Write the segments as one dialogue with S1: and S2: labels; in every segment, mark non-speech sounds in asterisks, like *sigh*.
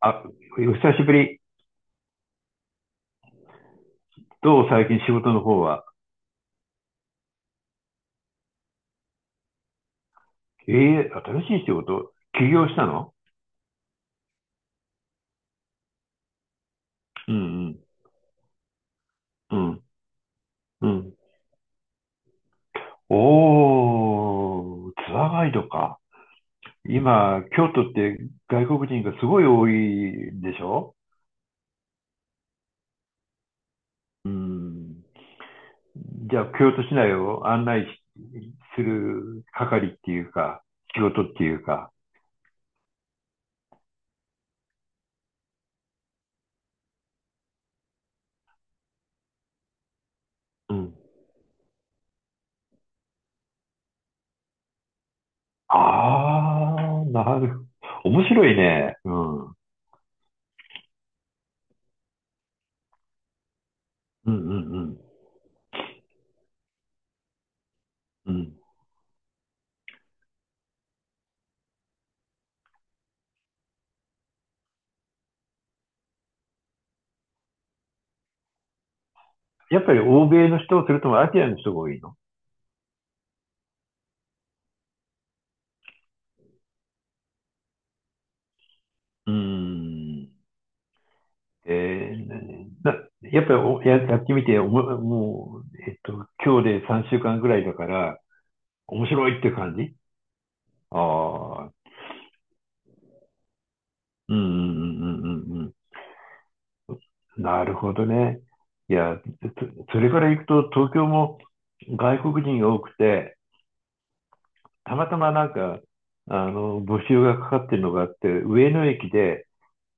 S1: あ、お久しぶり。どう最近仕事の方は？ええ、新しい仕事起業したの？うんうん。うん。うん。おー、ツアーガイドか。今、京都って外国人がすごい多いんでしょ？うん。じゃあ、京都市内を案内する係っていうか、仕事っていうか。うん。あー、なる。面白いね。うん。うんうんうん。うん。やっぱり欧米の人、それともアジアの人が多いの？うーん。えーなやっぱりやってみておも、もう、えっと、今日で3週間ぐらいだから、面白いっていう感じ？ああ、うんうんうんうんうんうん。なるほどね。いや、それから行くと、東京も外国人が多くて、たまたまなんか、募集がかかってるのがあって、上野駅で、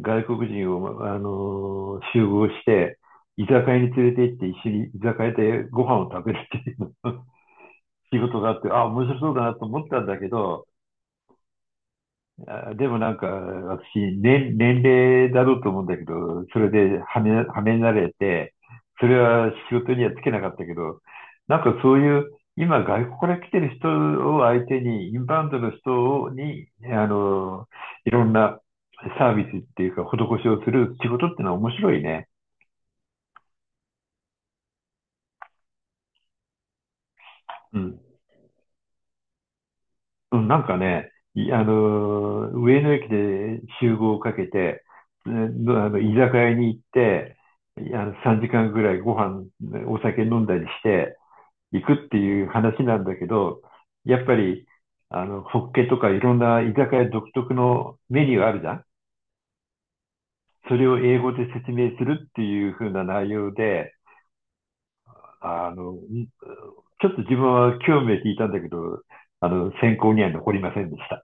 S1: 外国人を、集合して、居酒屋に連れて行って、一緒に居酒屋でご飯を食べるっていうの *laughs* 仕事があって、あ、面白そうだなと思ったんだけど、あでもなんか、私、年齢だろうと思うんだけど、それではめられて、それは仕事にはつけなかったけど、なんかそういう、今外国から来てる人を相手に、インバウンドの人に、あの、いろんなサービスっていうか、施しをする仕事っていうのは面白いね。うん。うん、なんかね、いあのー、上野駅で集合をかけて、えー居酒屋に行って、いあの、3時間ぐらいご飯、お酒飲んだりして行くっていう話なんだけど、やっぱり、ホッケとかいろんな居酒屋独特のメニューあるじゃん？それを英語で説明するっていう風な内容で、あの、ちょっと自分は興味を引いたんだけど、選考には残りませんでした。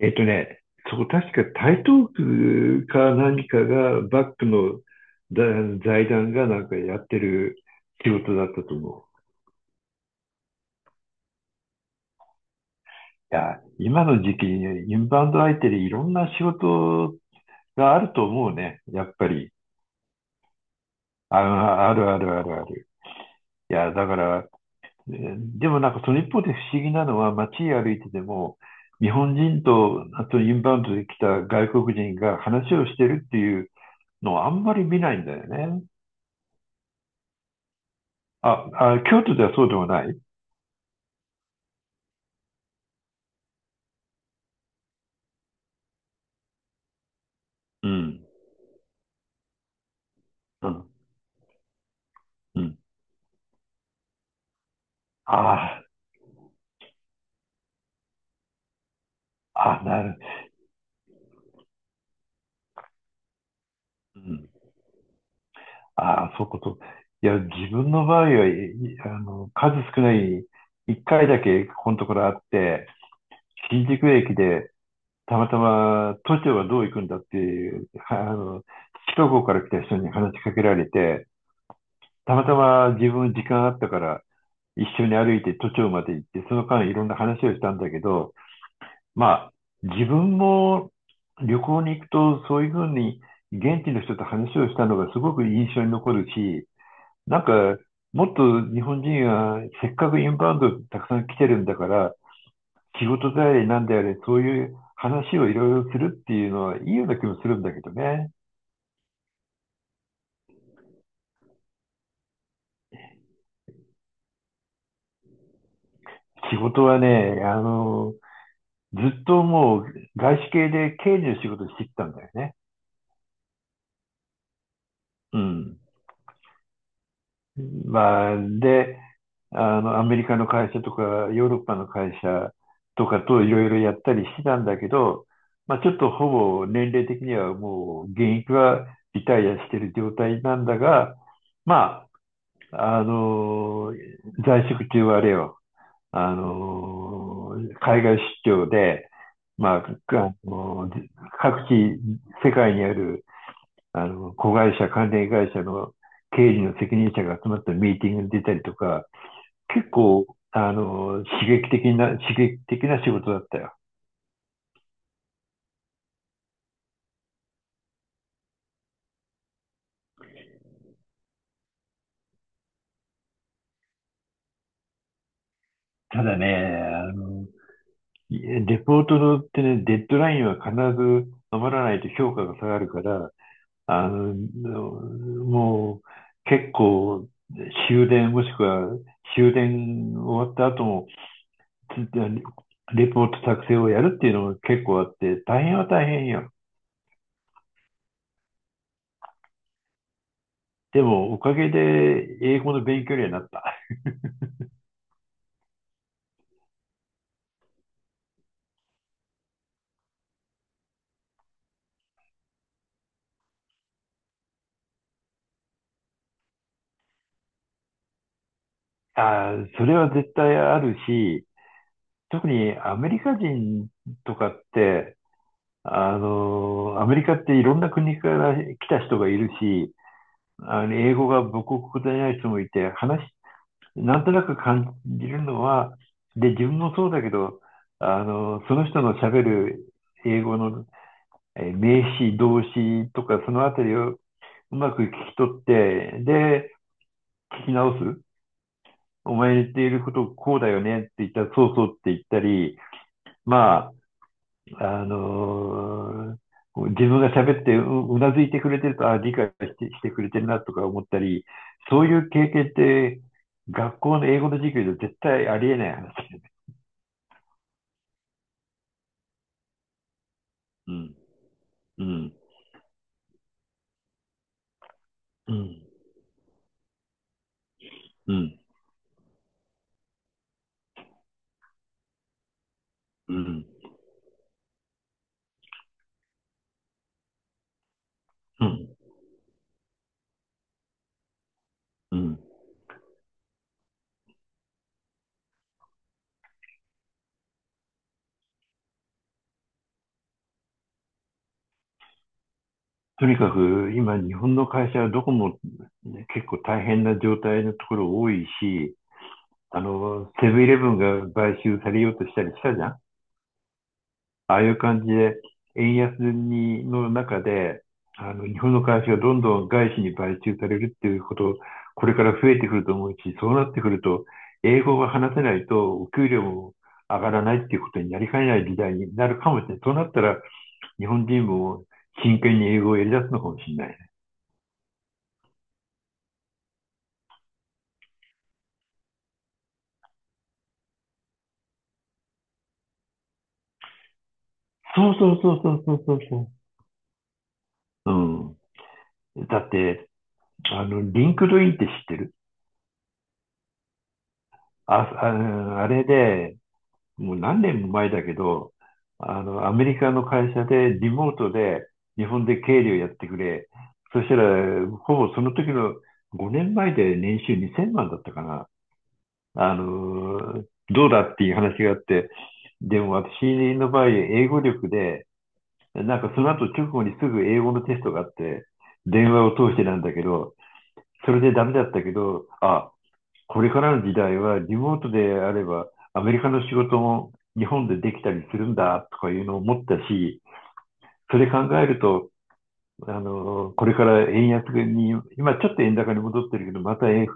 S1: ね、そこ確か台東区か何かがバックのだ財団がなんかやってる仕事だったと思う。いや、今の時期にねインバウンド相手でいろんな仕事があると思うね。やっぱり。あ、あるあるあるある。いや、だから、でもなんかその一方で不思議なのは街歩いてても、日本人と、あとインバウンドで来た外国人が話をしてるっていうのをあんまり見ないんだよね。あ、あ、京都ではそうでもない？うん。うん。うん。ああ、あ、なる。うん。ああ、そういうこと。いや、自分の場合数少ない、一回だけここのところあって、新宿駅で、たまたま都庁はどう行くんだっていう、首都高から来た人に話しかけられて、たまたま自分時間あったから、一緒に歩いて都庁まで行って、その間いろんな話をしたんだけど、まあ、自分も旅行に行くと、そういうふうに現地の人と話をしたのがすごく印象に残るし、なんか、もっと日本人はせっかくインバウンドたくさん来てるんだから、仕事であれなんであれ、そういう話をいろいろするっていうのはいいような気もするんだけどね。仕事はね、ずっともう外資系で経理の仕事してきたんだよね。うん。まあ、で、アメリカの会社とか、ヨーロッパの会社とかといろいろやったりしてたんだけど、まあ、ちょっとほぼ年齢的にはもう現役はリタイアしてる状態なんだが、まあ、在職中はあれよ、あの、海外出張で、まあ、各地、世界にある子会社、関連会社の経理の責任者が集まったミーティングに出たりとか、結構、刺激的な仕事だったよ。ただね、あの、レポートってね、デッドラインは必ず守らないと評価が下がるから、あの、もう結構終電もしくは終電終わった後も、レポート作成をやるっていうのも結構あって、大変は大変よ。でも、おかげで英語の勉強にはなった。あー、それは絶対あるし、特にアメリカ人とかって、アメリカっていろんな国から来た人がいるし、英語が母国語でない人もいて、なんとなく感じるのは、で、自分もそうだけど、その人の喋る英語の名詞、動詞とか、そのあたりをうまく聞き取って、で、聞き直す。お前言っていることこうだよねって言ったら、そうそうって言ったり、まあ、自分が喋ってうなずいてくれてると、あ理解してくれてるなとか思ったり、そういう経験って、学校の英語の授業で絶対ありえない話だよね。うん、うん、うん、うん、うん、うん、うん。とにかく、今、日本の会社はどこも、ね結構大変な状態のところ多いし、セブンイレブンが買収されようとしたりしたじゃん？ああいう感じで、円安にの中で、日本の会社がどんどん外資に買収されるっていうこと、これから増えてくると思うし、そうなってくると、英語が話せないと、お給料も上がらないっていうことになりかねない時代になるかもしれない。そうなったら、日本人も真剣に英語をやり出すのかもしれないね。そうそうそうそうそうそうそう。うん。だって、リンクドインって知ってる？あ、ああれで、もう何年も前だけど、アメリカの会社でリモートで日本で経理をやってくれ。そしたら、ほぼその時の5年前で年収2000万だったかな。どうだっていう話があって、でも私の場合、英語力で、なんかその後直後にすぐ英語のテストがあって、電話を通してなんだけど、それでダメだったけど、あ、これからの時代はリモートであればアメリカの仕事も日本でできたりするんだとかいうのを思ったし、それ考えると、これから円安に、今ちょっと円高に戻ってるけど、また円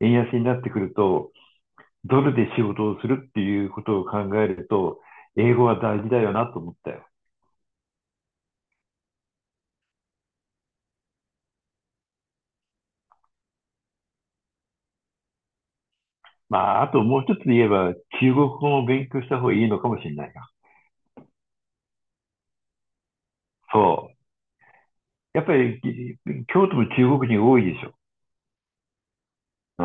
S1: 円安になってくると、ドルで仕事をするっていうことを考えると、英語は大事だよなと思ったよ。まあ、あともう一つ言えば、中国語を勉強した方がいいのかもしれないな。そう。やっぱり、京都も中国人多いでしょ？あ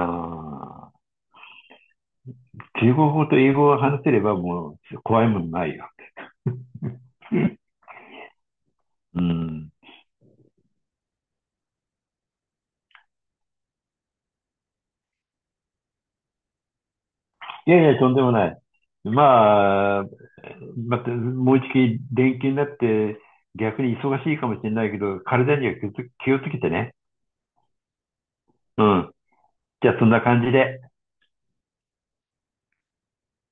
S1: ー中国語と英語を話せればもう怖いもんないよ。うん。いやいや、とんでもない。まあ、また、もう一回連休になって逆に忙しいかもしれないけど、体には気をつけてね。うん。じゃあそんな感じで。